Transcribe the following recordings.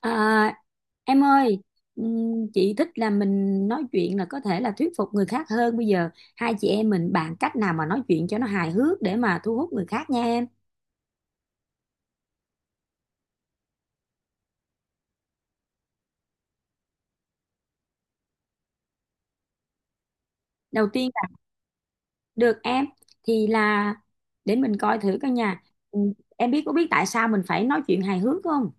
À, em ơi, chị thích là mình nói chuyện là có thể là thuyết phục người khác hơn. Bây giờ hai chị em mình bàn cách nào mà nói chuyện cho nó hài hước để mà thu hút người khác nha em. Đầu tiên là được em, thì là để mình coi thử coi nha. Em có biết tại sao mình phải nói chuyện hài hước không?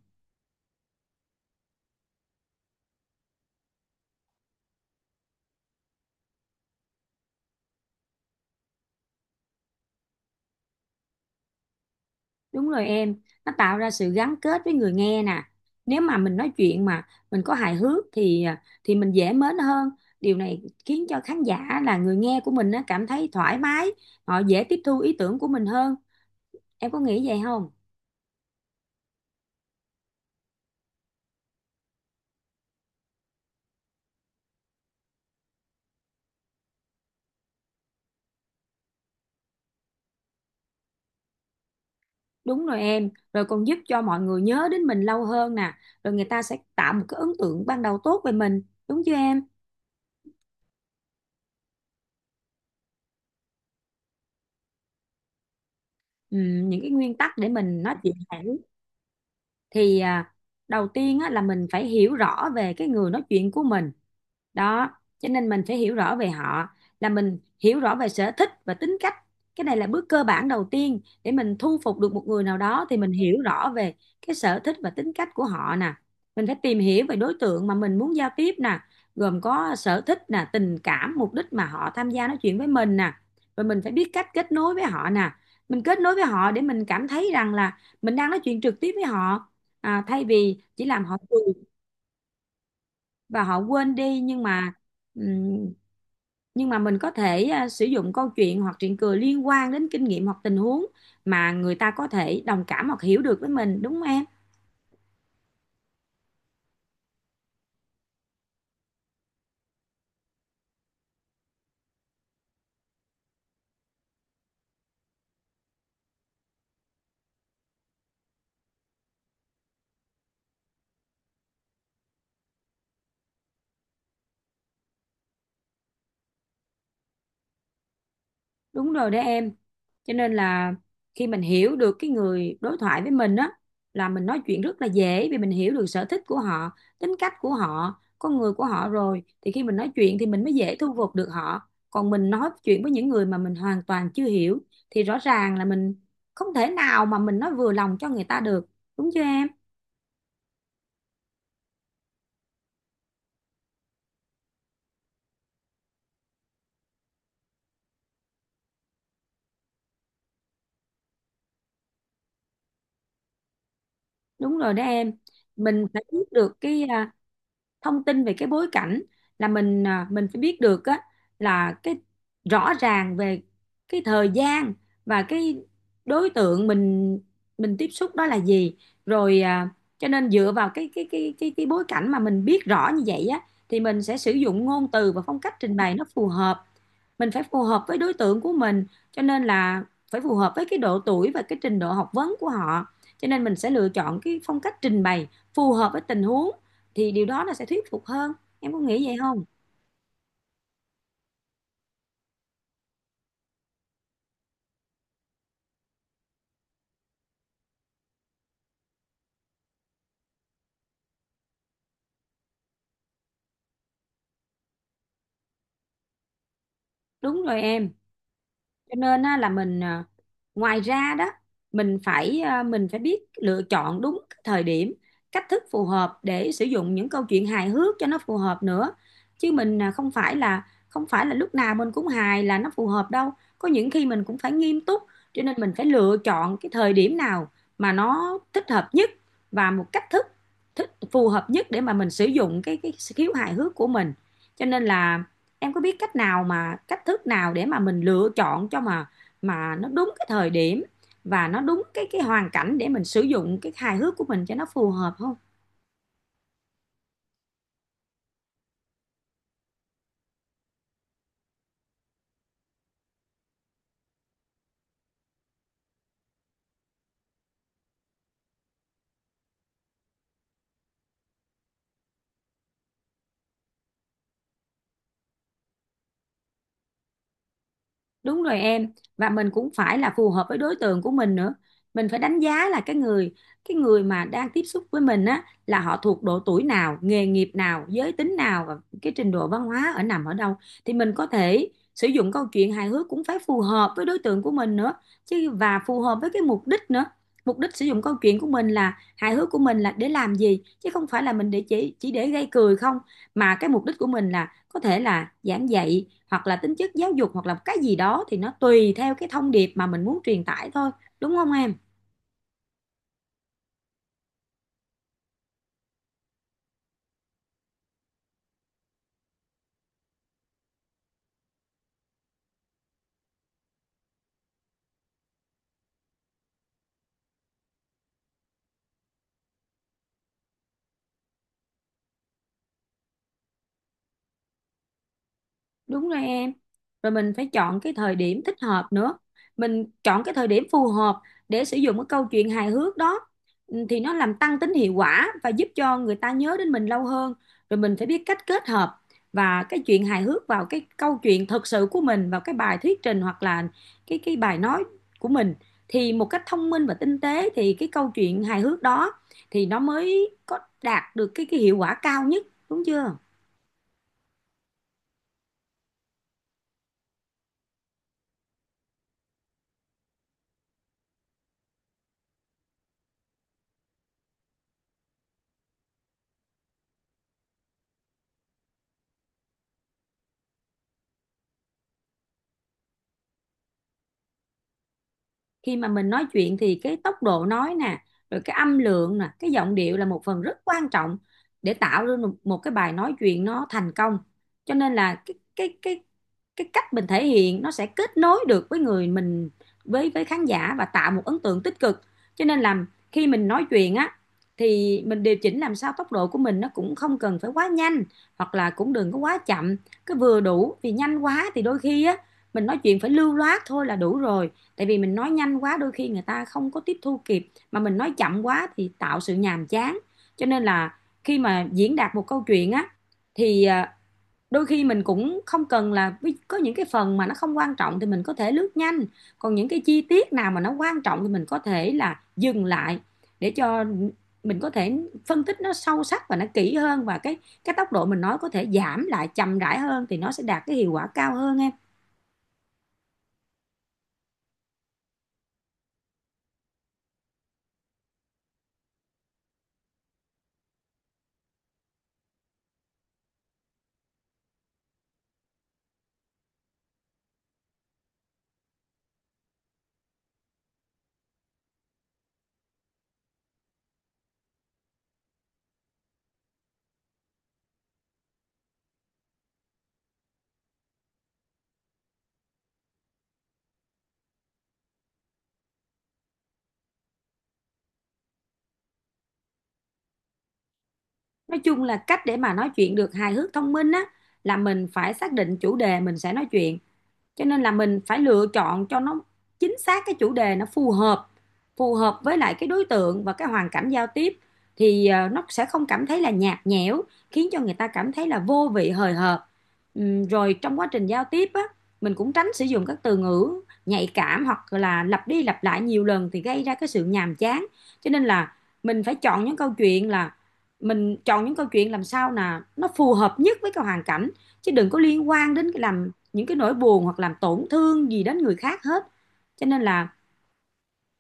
Đúng rồi em, nó tạo ra sự gắn kết với người nghe nè. Nếu mà mình nói chuyện mà mình có hài hước thì mình dễ mến hơn. Điều này khiến cho khán giả là người nghe của mình á, cảm thấy thoải mái, họ dễ tiếp thu ý tưởng của mình hơn. Em có nghĩ vậy không? Đúng rồi em, rồi còn giúp cho mọi người nhớ đến mình lâu hơn nè, rồi người ta sẽ tạo một cái ấn tượng ban đầu tốt về mình, đúng chưa em? Những cái nguyên tắc để mình nói chuyện hài hước, thì à, đầu tiên á, là mình phải hiểu rõ về cái người nói chuyện của mình đó, cho nên mình phải hiểu rõ về họ, là mình hiểu rõ về sở thích và tính cách. Cái này là bước cơ bản đầu tiên để mình thu phục được một người nào đó, thì mình hiểu rõ về cái sở thích và tính cách của họ nè, mình phải tìm hiểu về đối tượng mà mình muốn giao tiếp nè, gồm có sở thích nè, tình cảm, mục đích mà họ tham gia nói chuyện với mình nè, rồi mình phải biết cách kết nối với họ nè, mình kết nối với họ để mình cảm thấy rằng là mình đang nói chuyện trực tiếp với họ, thay vì chỉ làm họ cười và họ quên đi. Nhưng mà ừm, nhưng mà mình có thể sử dụng câu chuyện hoặc chuyện cười liên quan đến kinh nghiệm hoặc tình huống mà người ta có thể đồng cảm hoặc hiểu được với mình, đúng không em? Đúng rồi đấy em, cho nên là khi mình hiểu được cái người đối thoại với mình á, là mình nói chuyện rất là dễ, vì mình hiểu được sở thích của họ, tính cách của họ, con người của họ rồi, thì khi mình nói chuyện thì mình mới dễ thu phục được họ. Còn mình nói chuyện với những người mà mình hoàn toàn chưa hiểu thì rõ ràng là mình không thể nào mà mình nói vừa lòng cho người ta được, đúng chưa em? Đúng rồi đó em, mình phải biết được cái thông tin về cái bối cảnh, là mình mình phải biết được á, là cái rõ ràng về cái thời gian và cái đối tượng mình tiếp xúc đó là gì. rồi à, cho nên dựa vào cái bối cảnh mà mình biết rõ như vậy á, thì mình sẽ sử dụng ngôn từ và phong cách trình bày nó phù hợp, mình phải phù hợp với đối tượng của mình, cho nên là phải phù hợp với cái độ tuổi và cái trình độ học vấn của họ, cho nên mình sẽ lựa chọn cái phong cách trình bày phù hợp với tình huống, thì điều đó nó sẽ thuyết phục hơn, em có nghĩ vậy không? Đúng rồi em. Cho nên á, là mình ngoài ra đó mình phải mình phải biết lựa chọn đúng cái thời điểm, cách thức phù hợp để sử dụng những câu chuyện hài hước cho nó phù hợp nữa, chứ mình không phải là lúc nào mình cũng hài là nó phù hợp đâu, có những khi mình cũng phải nghiêm túc, cho nên mình phải lựa chọn cái thời điểm nào mà nó thích hợp nhất và một cách thức thích phù hợp nhất để mà mình sử dụng cái khiếu hài hước của mình. Cho nên là em có biết cách nào mà cách thức nào để mà mình lựa chọn cho mà nó đúng cái thời điểm và nó đúng cái hoàn cảnh để mình sử dụng cái hài hước của mình cho nó phù hợp không? Đúng rồi em, và mình cũng phải là phù hợp với đối tượng của mình nữa, mình phải đánh giá là cái người mà đang tiếp xúc với mình á, là họ thuộc độ tuổi nào, nghề nghiệp nào, giới tính nào và cái trình độ văn hóa ở nằm ở đâu, thì mình có thể sử dụng câu chuyện hài hước cũng phải phù hợp với đối tượng của mình nữa chứ, và phù hợp với cái mục đích nữa. Mục đích sử dụng câu chuyện của mình là hài hước của mình là để làm gì, chứ không phải là mình để chỉ để gây cười không, mà cái mục đích của mình là có thể là giảng dạy hoặc là tính chất giáo dục hoặc là cái gì đó, thì nó tùy theo cái thông điệp mà mình muốn truyền tải thôi, đúng không em? Đúng rồi em. Rồi mình phải chọn cái thời điểm thích hợp nữa. Mình chọn cái thời điểm phù hợp để sử dụng cái câu chuyện hài hước đó. Ừ, thì nó làm tăng tính hiệu quả và giúp cho người ta nhớ đến mình lâu hơn. Rồi mình phải biết cách kết hợp và cái chuyện hài hước vào cái câu chuyện thật sự của mình, vào cái bài thuyết trình hoặc là cái bài nói của mình. Thì một cách thông minh và tinh tế thì cái câu chuyện hài hước đó thì nó mới có đạt được cái hiệu quả cao nhất, đúng chưa? Khi mà mình nói chuyện thì cái tốc độ nói nè, rồi cái âm lượng nè, cái giọng điệu là một phần rất quan trọng để tạo ra một cái bài nói chuyện nó thành công, cho nên là cái cách mình thể hiện nó sẽ kết nối được với người mình, với khán giả và tạo một ấn tượng tích cực, cho nên là khi mình nói chuyện á, thì mình điều chỉnh làm sao tốc độ của mình nó cũng không cần phải quá nhanh hoặc là cũng đừng có quá chậm, cứ vừa đủ, vì nhanh quá thì đôi khi á mình nói chuyện phải lưu loát thôi là đủ rồi, tại vì mình nói nhanh quá đôi khi người ta không có tiếp thu kịp, mà mình nói chậm quá thì tạo sự nhàm chán. Cho nên là khi mà diễn đạt một câu chuyện á, thì à, đôi khi mình cũng không cần là có những cái phần mà nó không quan trọng thì mình có thể lướt nhanh, còn những cái chi tiết nào mà nó quan trọng thì mình có thể là dừng lại để cho mình có thể phân tích nó sâu sắc và nó kỹ hơn, và cái tốc độ mình nói có thể giảm lại chậm rãi hơn thì nó sẽ đạt cái hiệu quả cao hơn em. Nói chung là cách để mà nói chuyện được hài hước thông minh á, là mình phải xác định chủ đề mình sẽ nói chuyện, cho nên là mình phải lựa chọn cho nó chính xác cái chủ đề nó phù hợp, phù hợp với lại cái đối tượng và cái hoàn cảnh giao tiếp, nó sẽ không cảm thấy là nhạt nhẽo, khiến cho người ta cảm thấy là vô vị hời hợt. Rồi trong quá trình giao tiếp á, mình cũng tránh sử dụng các từ ngữ nhạy cảm hoặc là lặp đi lặp lại nhiều lần thì gây ra cái sự nhàm chán, cho nên là mình phải chọn những câu chuyện là mình chọn những câu chuyện làm sao là nó phù hợp nhất với cái hoàn cảnh, chứ đừng có liên quan đến cái làm những cái nỗi buồn hoặc làm tổn thương gì đến người khác hết. Cho nên là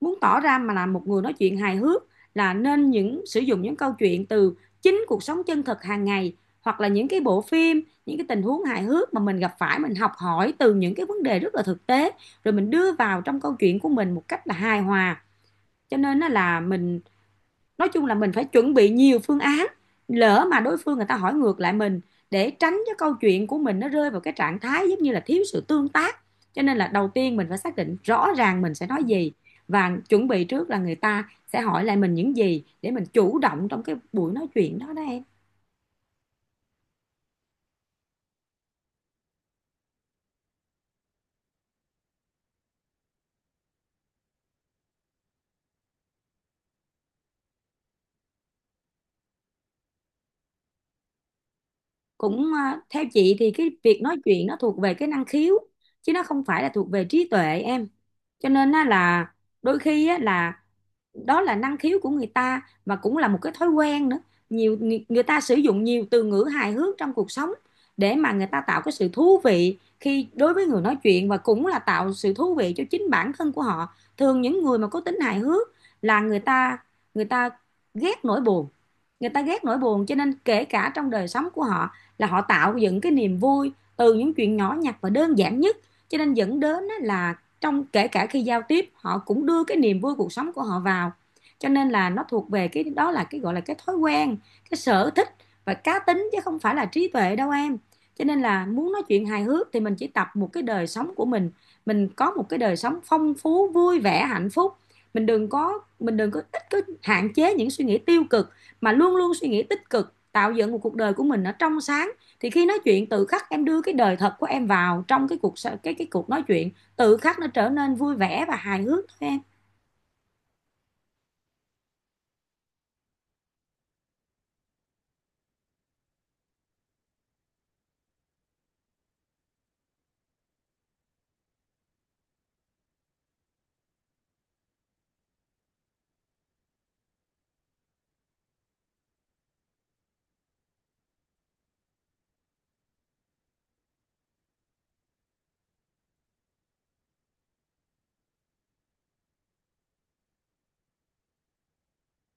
muốn tỏ ra mà là một người nói chuyện hài hước là nên những sử dụng những câu chuyện từ chính cuộc sống chân thực hàng ngày, hoặc là những cái bộ phim, những cái tình huống hài hước mà mình gặp phải, mình học hỏi từ những cái vấn đề rất là thực tế, rồi mình đưa vào trong câu chuyện của mình một cách là hài hòa. Cho nên á là mình nói chung là mình phải chuẩn bị nhiều phương án, lỡ mà đối phương người ta hỏi ngược lại mình, để tránh cái câu chuyện của mình nó rơi vào cái trạng thái giống như là thiếu sự tương tác, cho nên là đầu tiên mình phải xác định rõ ràng mình sẽ nói gì và chuẩn bị trước là người ta sẽ hỏi lại mình những gì để mình chủ động trong cái buổi nói chuyện đó đó em. Theo chị thì cái việc nói chuyện nó thuộc về cái năng khiếu chứ nó không phải là thuộc về trí tuệ em, cho nên là đôi khi là đó là năng khiếu của người ta và cũng là một cái thói quen nữa, nhiều người, ta sử dụng nhiều từ ngữ hài hước trong cuộc sống để mà người ta tạo cái sự thú vị khi đối với người nói chuyện và cũng là tạo sự thú vị cho chính bản thân của họ. Thường những người mà có tính hài hước là người ta ghét nỗi buồn, người ta ghét nỗi buồn, cho nên kể cả trong đời sống của họ là họ tạo dựng cái niềm vui từ những chuyện nhỏ nhặt và đơn giản nhất, cho nên dẫn đến là trong kể cả khi giao tiếp họ cũng đưa cái niềm vui cuộc sống của họ vào, cho nên là nó thuộc về cái đó, là cái gọi là cái thói quen, cái sở thích và cá tính chứ không phải là trí tuệ đâu em. Cho nên là muốn nói chuyện hài hước thì mình chỉ tập một cái đời sống của mình có một cái đời sống phong phú vui vẻ hạnh phúc, mình đừng có ít, cứ hạn chế những suy nghĩ tiêu cực mà luôn luôn suy nghĩ tích cực, tạo dựng một cuộc đời của mình nó trong sáng, thì khi nói chuyện tự khắc em đưa cái đời thật của em vào trong cái cuộc, cái cuộc nói chuyện, tự khắc nó trở nên vui vẻ và hài hước thôi em.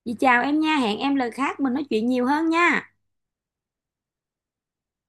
Vậy chào em nha, hẹn em lần khác mình nói chuyện nhiều hơn nha.